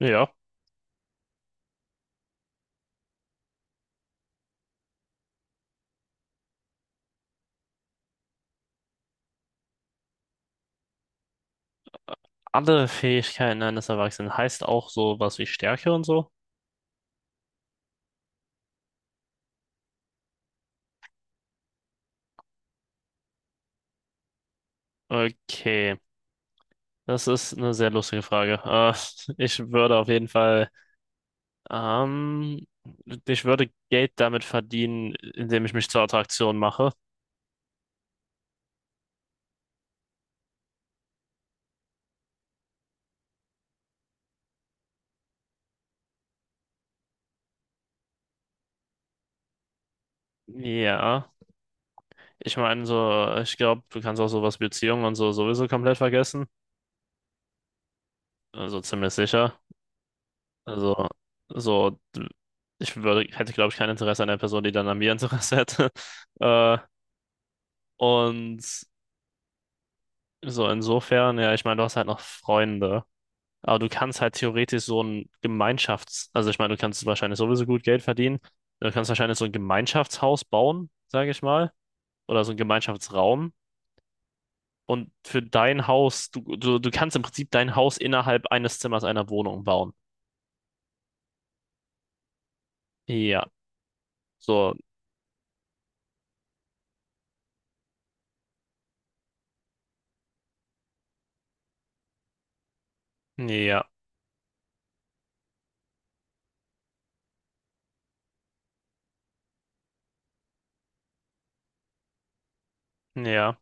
Ja. Andere Fähigkeiten eines Erwachsenen heißt auch sowas wie Stärke und so? Okay, das ist eine sehr lustige Frage. Ich würde auf jeden Fall, ähm, ich würde Geld damit verdienen, indem ich mich zur Attraktion mache. Ja, ich meine so, ich glaube, du kannst auch sowas wie Beziehungen und so sowieso komplett vergessen. Also ziemlich sicher. Also so, ich würde, hätte glaube ich kein Interesse an der Person, die dann an mir Interesse hätte. Äh, und So, insofern, ja, ich meine, du hast halt noch Freunde. Aber du kannst halt theoretisch so ein Gemeinschafts-, also ich meine, du kannst wahrscheinlich sowieso gut Geld verdienen. Du kannst wahrscheinlich so ein Gemeinschaftshaus bauen, sage ich mal. Oder so ein Gemeinschaftsraum. Und für dein Haus, du kannst im Prinzip dein Haus innerhalb eines Zimmers einer Wohnung bauen. Ja, so, ja, ja,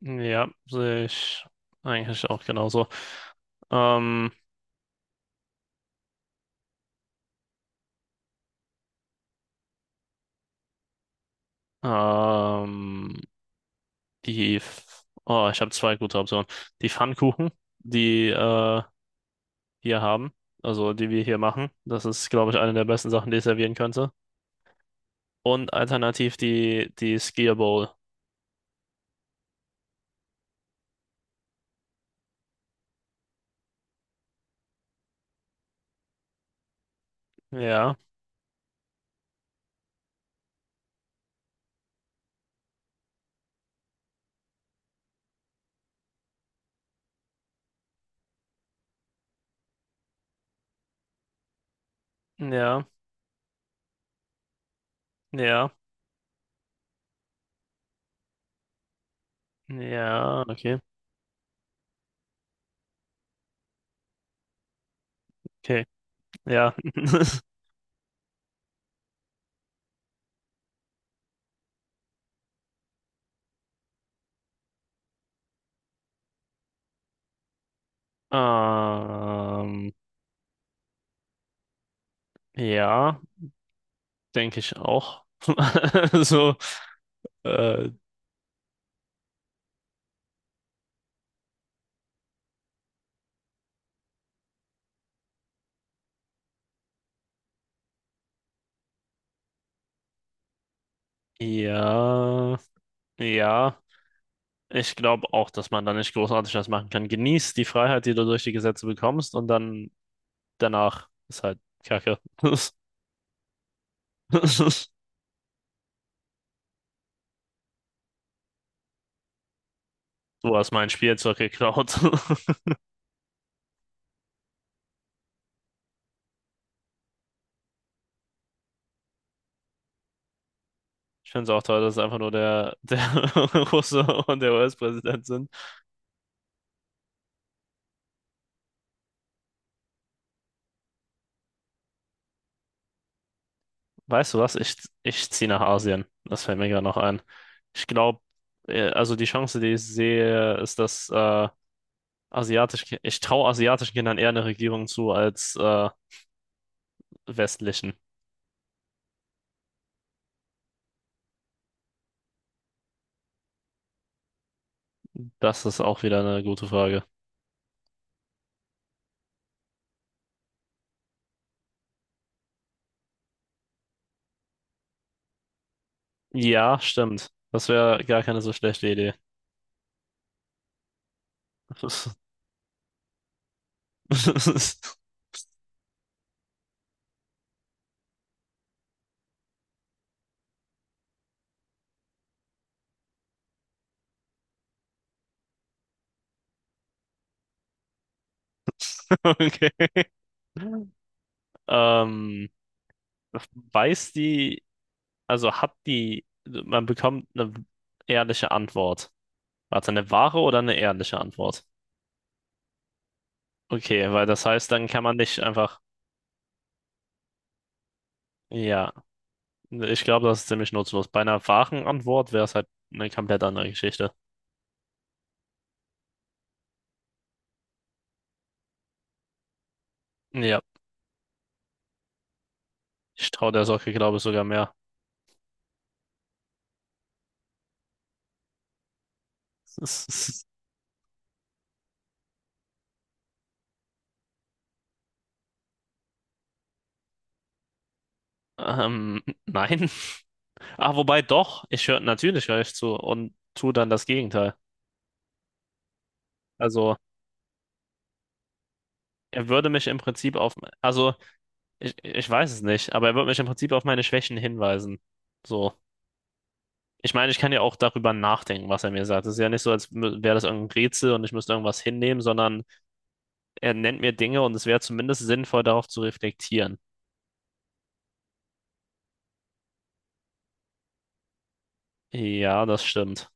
ja, sehe ich eigentlich auch genauso. Ähm, ähm, Die, F- oh, ich habe zwei gute Optionen. Die Pfannkuchen, die wir haben, also die wir hier machen. Das ist, glaube ich, eine der besten Sachen, die ich servieren könnte. Und alternativ die Skier Bowl. Ja, ja, ja, ja, okay, okay, ja. Ähm, ja, denke ich auch. So, äh, ja, ja. Ich glaube auch, dass man da nicht großartig was machen kann. Genieß die Freiheit, die du durch die Gesetze bekommst, und dann danach ist halt Kacke. Du hast mein Spielzeug geklaut. Ich finde es auch toll, dass es einfach nur der Russe und der US-Präsident sind. Weißt du was? Ich ziehe nach Asien. Das fällt mir gerade noch ein. Ich glaube, also die Chance, die ich sehe, ist, dass asiatische, ich traue asiatischen Kindern eher eine Regierung zu als westlichen. Das ist auch wieder eine gute Frage. Ja, stimmt. Das wäre gar keine so schlechte Idee. Okay. Ähm, weiß die, also hat die, man bekommt eine ehrliche Antwort. Warte, eine wahre oder eine ehrliche Antwort? Okay, weil das heißt, dann kann man nicht einfach, ja, ich glaube, das ist ziemlich nutzlos. Bei einer wahren Antwort wäre es halt eine komplett andere Geschichte. Ja, ich traue der Socke, glaube ich, sogar mehr. Nein. Ah, wobei doch, ich höre natürlich höre ich zu und tue dann das Gegenteil. Also er würde mich im Prinzip auf, also ich weiß es nicht, aber er würde mich im Prinzip auf meine Schwächen hinweisen. So. Ich meine, ich kann ja auch darüber nachdenken, was er mir sagt. Es ist ja nicht so, als wäre das irgendein Rätsel und ich müsste irgendwas hinnehmen, sondern er nennt mir Dinge und es wäre zumindest sinnvoll, darauf zu reflektieren. Ja, das stimmt.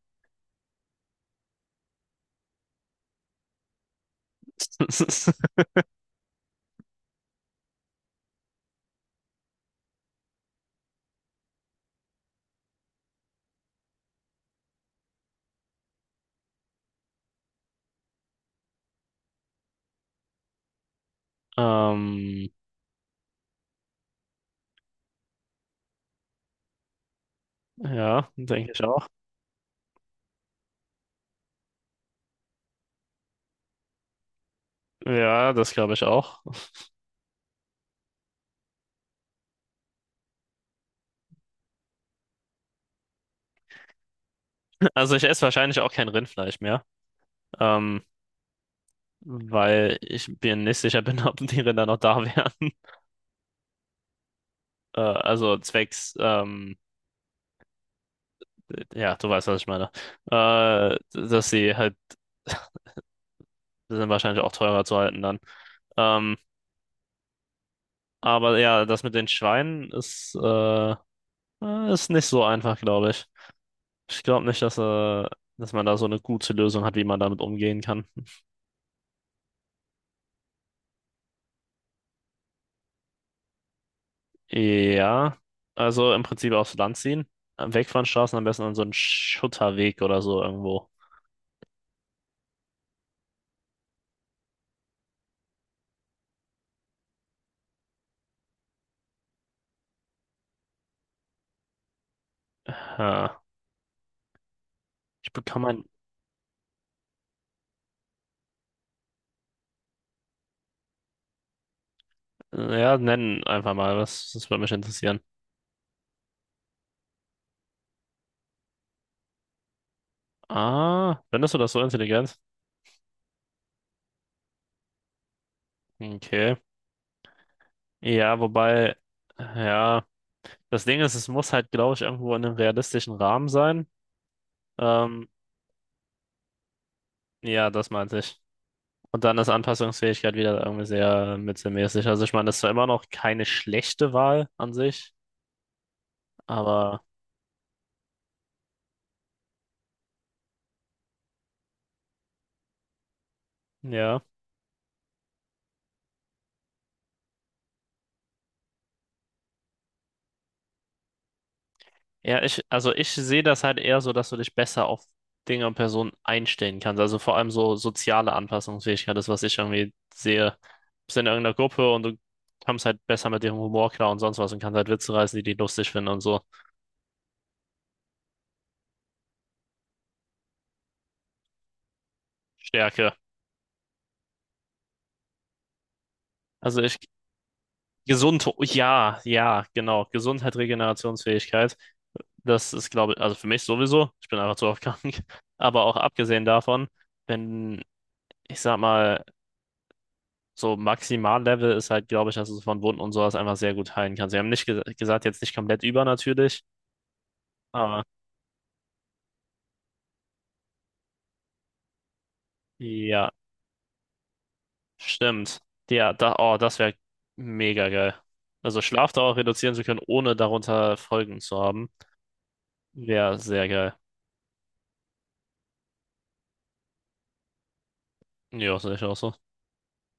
Ähm, ja, denke ich auch. Ja, das glaube ich auch. Also ich esse wahrscheinlich auch kein Rindfleisch mehr. Ähm, weil ich mir nicht sicher bin, ob die Rinder noch da wären. Also zwecks, ja, du weißt, was ich meine. Dass sie halt, die sind wahrscheinlich auch teurer zu halten dann. Ähm, aber ja, das mit den Schweinen ist, ist nicht so einfach, glaube ich. Ich glaube nicht, dass man da so eine gute Lösung hat, wie man damit umgehen kann. Ja, also im Prinzip aufs Land ziehen. Weg von Straßen, am besten an so einen Schutterweg oder so irgendwo. Ja. Ich bekomme ein. Ja, nennen einfach mal was. Das würde mich interessieren. Ah, findest du das so intelligent? Okay. Ja, wobei, ja, das Ding ist, es muss halt, glaube ich, irgendwo in einem realistischen Rahmen sein. Ähm, ja, das meinte ich. Und dann ist Anpassungsfähigkeit wieder irgendwie sehr mittelmäßig. Also ich meine, das ist zwar immer noch keine schlechte Wahl an sich, aber ja. Ja, also ich sehe das halt eher so, dass du dich besser auf Dinge und Personen einstellen kannst. Also vor allem so soziale Anpassungsfähigkeit ist, was ich irgendwie sehe. Du bist in irgendeiner Gruppe und du kommst halt besser mit dem Humor klar und sonst was und kannst halt Witze reißen, die die lustig finden und so. Stärke. Also ich, gesund, ja, ja, genau. Gesundheit, Regenerationsfähigkeit. Das ist, glaube ich, also für mich sowieso. Ich bin einfach zu oft krank. Aber auch abgesehen davon, wenn, ich sag mal, so Maximallevel ist halt, glaube ich, dass du von Wunden und sowas einfach sehr gut heilen kannst. Sie haben nicht ge gesagt, jetzt nicht komplett über natürlich, aber ja, stimmt. Ja, da, oh, das wäre mega geil. Also Schlafdauer reduzieren zu können, ohne darunter Folgen zu haben, wäre sehr geil. Ja, sehe ich auch so.